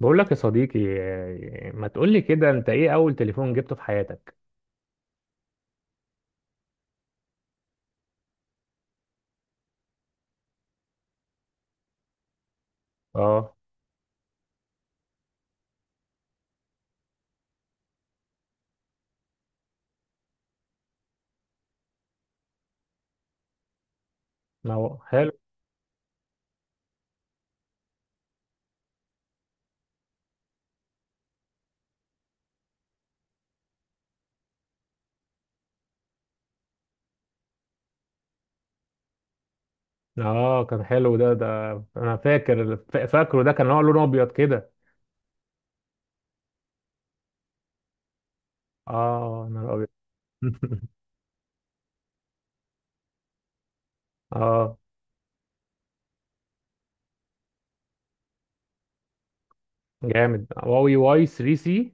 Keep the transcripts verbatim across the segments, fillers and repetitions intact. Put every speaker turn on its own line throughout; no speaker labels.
بقول لك يا صديقي آه، ما تقول لي كده، انت ايه اول تليفون جبته في حياتك؟ اه، ما هو حلو. اه، كان حلو ده ده. انا فاكر فا- فاكره ده، كان هو لونه ابيض كده. اه، انا ابيض. اه جامد، هواوي واي 3 سي.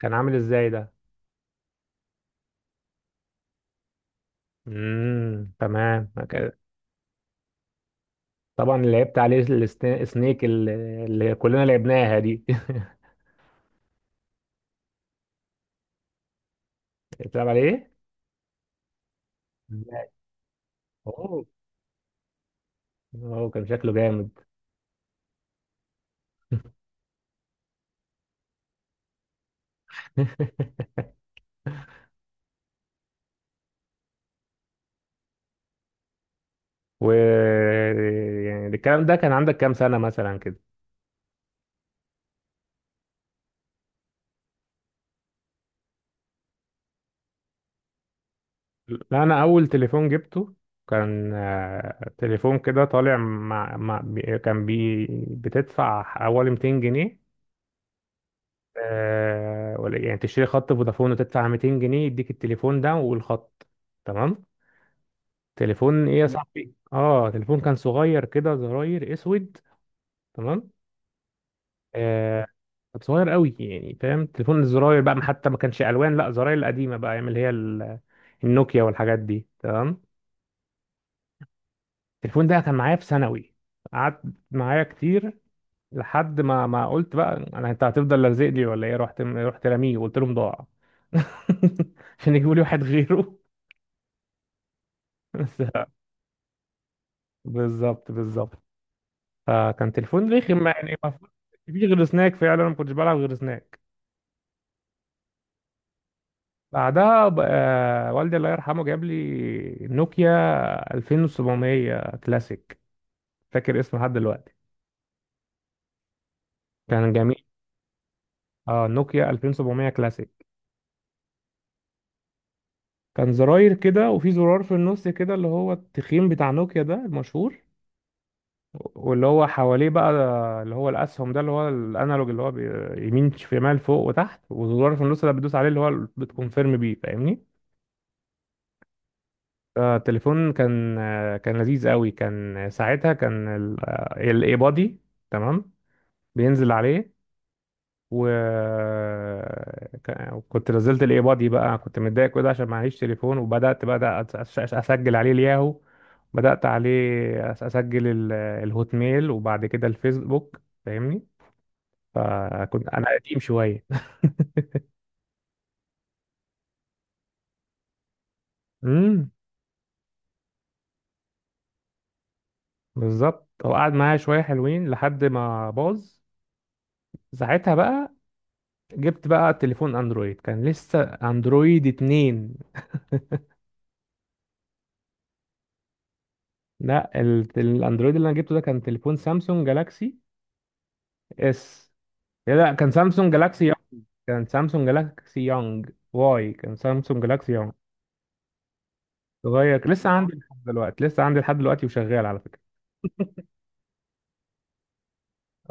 كان عامل ازاي ده؟ امم تمام، أوكي. طبعا لعبت عليه السنا- السنيك اللي اللي كلنا لعبناها دي. بتلعب عليه ازاي؟ اوه، أوه، كان شكله جامد. و يعني الكلام ده كان عندك كام سنة مثلا كده؟ لا، أنا أول تليفون جبته كان، آه، تليفون كده طالع مع... مع... بي- كان بي... بتدفع حوالي مئتين جنيه. آه، ولا يعني تشتري خط فودافون وتدفع مئتين جنيه، يديك التليفون ده والخط. تمام. تليفون ايه يا مم. صاحبي؟ اه، تليفون كان صغير كده، زراير اسود. تمام. آه، كنت صغير قوي يعني، فاهم؟ تليفون الزراير بقى، ما حتى ما كانش الوان، لا زراير القديمه بقى، ايام اللي هي ال- النوكيا والحاجات دي. تمام. التليفون ده كان معايا في ثانوي، قعدت معايا كتير، لحد ما ما قلت بقى انا، انت هتفضل لازق لي ولا ايه؟ رحت رحت راميه وقلت لهم ضاع. عشان يجيبوا لي واحد غيره. بس- بالظبط بالظبط. فكان تليفون رخم يعني، ما فيش غير سناك، فعلا ما كنتش بلعب غير سناك. بعدها ب- آه، والدي الله يرحمه جاب لي نوكيا سبعة وعشرين مية كلاسيك. فاكر اسمه لحد دلوقتي، كان جميل. اه، نوكيا الفين وسبعمية كلاسيك. كان زراير كده، وفي زرار في النص كده اللي هو التخين بتاع نوكيا ده المشهور، واللي هو حواليه بقى اللي هو الاسهم ده، اللي هو الانالوج، اللي هو بي- يمين شمال فوق وتحت، وزرار في النص ده بتدوس عليه اللي هو بتكونفيرم بيه، فاهمني؟ آه، التليفون كان، آه، كان لذيذ قوي. كان ساعتها كان الاي بادي، تمام، بينزل عليه. و ك- وكنت نزلت الاي بادي بقى، كنت متضايق كده عشان معيش تليفون، وبدات بقى أس- أس- أس- اسجل عليه الياهو، بدات عليه أس- اسجل ال- الهوت ميل، وبعد كده الفيسبوك، فاهمني؟ فكنت انا قديم شويه. امم. بالظبط، هو قعد معايا شويه حلوين لحد ما باظ. ساعتها بقى جبت بقى تليفون اندرويد، كان لسه اندرويد اتنين. لا، ال- الاندرويد اللي انا جبته ده كان تليفون سامسونج جالاكسي اس. لا، كان سامسونج جالاكسي يونج. كان سامسونج جالاكسي يونج واي كان سامسونج جالاكسي يونج صغير، لسه عندي لحد دلوقتي، لسه عندي لحد دلوقتي وشغال على فكرة.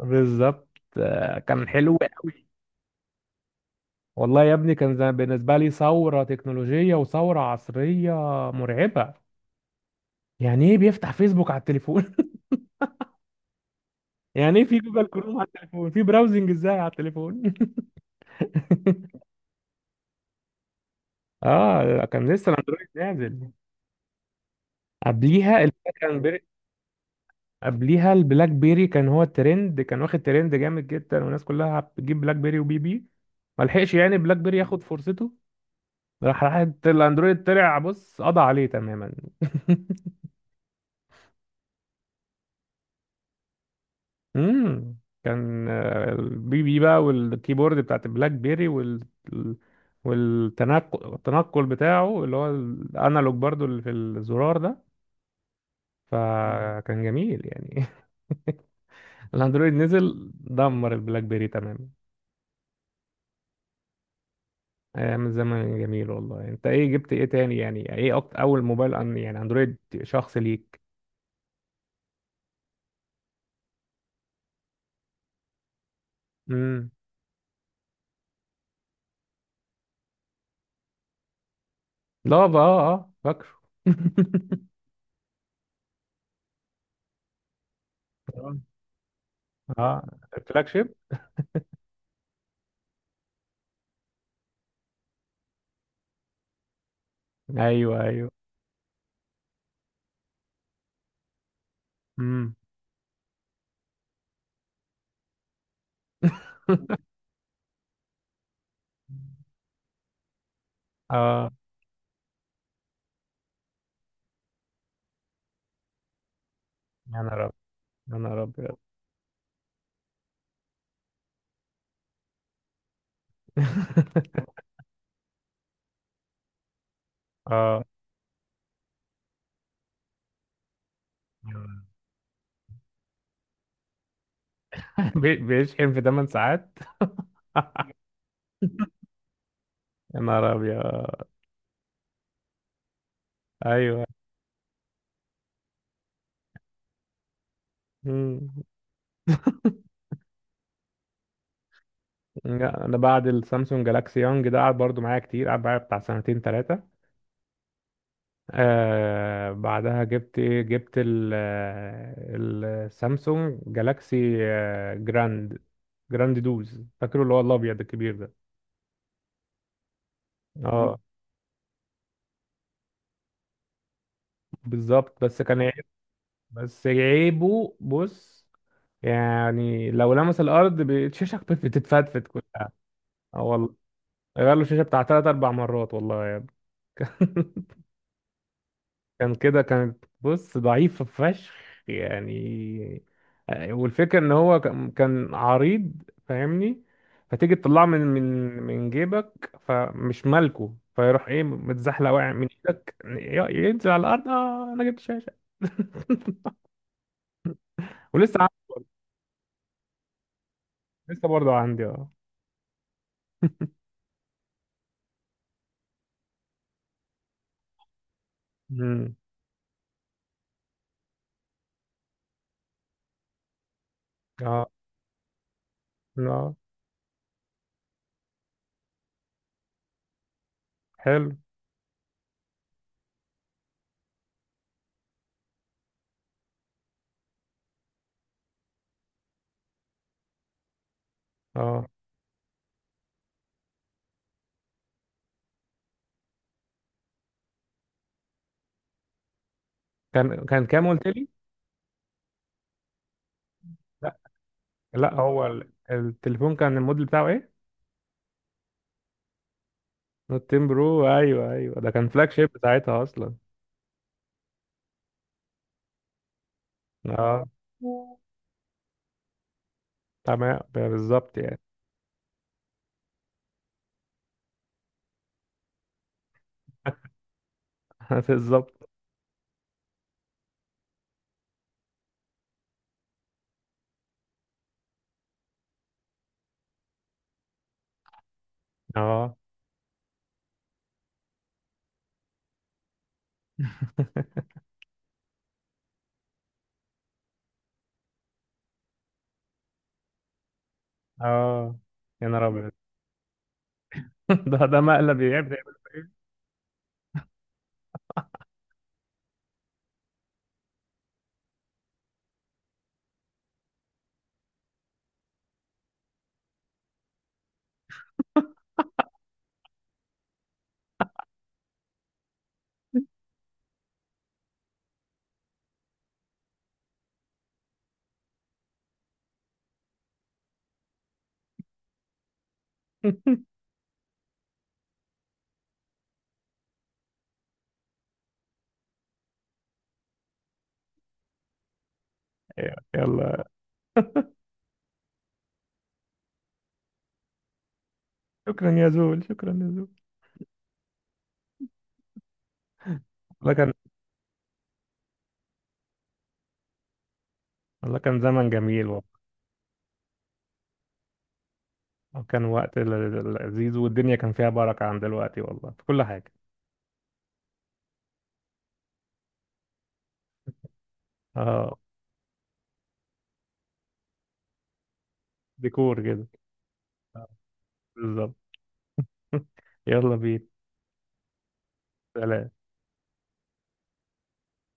بالظبط، آه، كان حلو قوي. والله يا ابني كان زي- بالنسبة لي ثورة تكنولوجية وثورة عصرية مرعبة. يعني ايه بيفتح فيسبوك على التليفون؟ يعني ايه في جوجل كروم على التليفون؟ في براوزنج ازاي على التليفون؟ اه لا، كان لسه الاندرويد نازل. قبليها اللي كان، قبليها البلاك بيري كان هو الترند، كان واخد ترند جامد جدا، والناس كلها بتجيب بلاك بيري وبي بي. ما لحقش يعني بلاك بيري ياخد فرصته، راح راح الاندرويد طلع بص، قضى عليه تماما. امم. كان، آه، البي بي بقى والكيبورد بتاعت البلاك بيري، وال والتنقل التنقل بتاعه اللي هو الانالوج برضو اللي في الزرار ده، فكان جميل يعني. الاندرويد نزل دمر البلاك بيري تماما. ايام الزمن جميل والله. انت ايه جبت ايه تاني؟ يعني ايه أكتر اول موبايل أن يعني اندرويد شخص ليك؟ امم. لافا، اه اه فاكره. اه، آه، الفلاج شيب. ايوه ايوه. امم. اه. يا نهار ابيض، يا نهار ابيض. اه، بي- بيشحن في 8 ساعات. يا نهار ابيض. ايوه. امم. لا، انا بعد السامسونج جالاكسي يونج ده قعد برضو معايا كتير، قعد معايا بتاع سنتين ثلاثه. آه، بعدها جبت ايه؟ جبت ال آه، السامسونج جالاكسي آه جراند. جراند دوز، فاكره اللي هو الابيض الكبير ده. اه بالظبط، بس كان عيب. بس عيبه بص، يعني لو لمس الارض ب- الشاشه بتتفتفت كلها. اه والله. غير له الشاشه بتاع تلات اربع مرات والله يا ابني. كان كده، كانت بص ضعيفة فشخ يعني. آه، والفكرة ان هو كان، كان عريض فاهمني. فتيجي تطلعه من من من جيبك، فمش مالكه، فيروح ايه متزحلق واقع من ايدك، ي- ينزل على الارض. اه انا جبت شاشة. ولسه عندي. لسه برضه عندي اه. امم. اه. اه حلو. اه، كان كان كام قلت لي؟ لا لا، هو ال- التليفون كان الموديل بتاعه ايه؟ نوت عشرة برو. ايوه ايوه، ده كان فلاج شيب ساعتها اصلا. اه. تمام، بالظبط يعني. بالظبط. اه. اه، يا نهار ابيض. ده ده مقلب يعب يعمل إيه؟ يلا. شكرا يا زول، شكرا يا زول. والله كان. والله كان زمن جميل والله. وكان وقت ل- لذيذ، والدنيا كان فيها بركة عن دلوقتي والله، في كل حاجة. اه، ديكور كده. بالظبط. يلا بينا. سلام.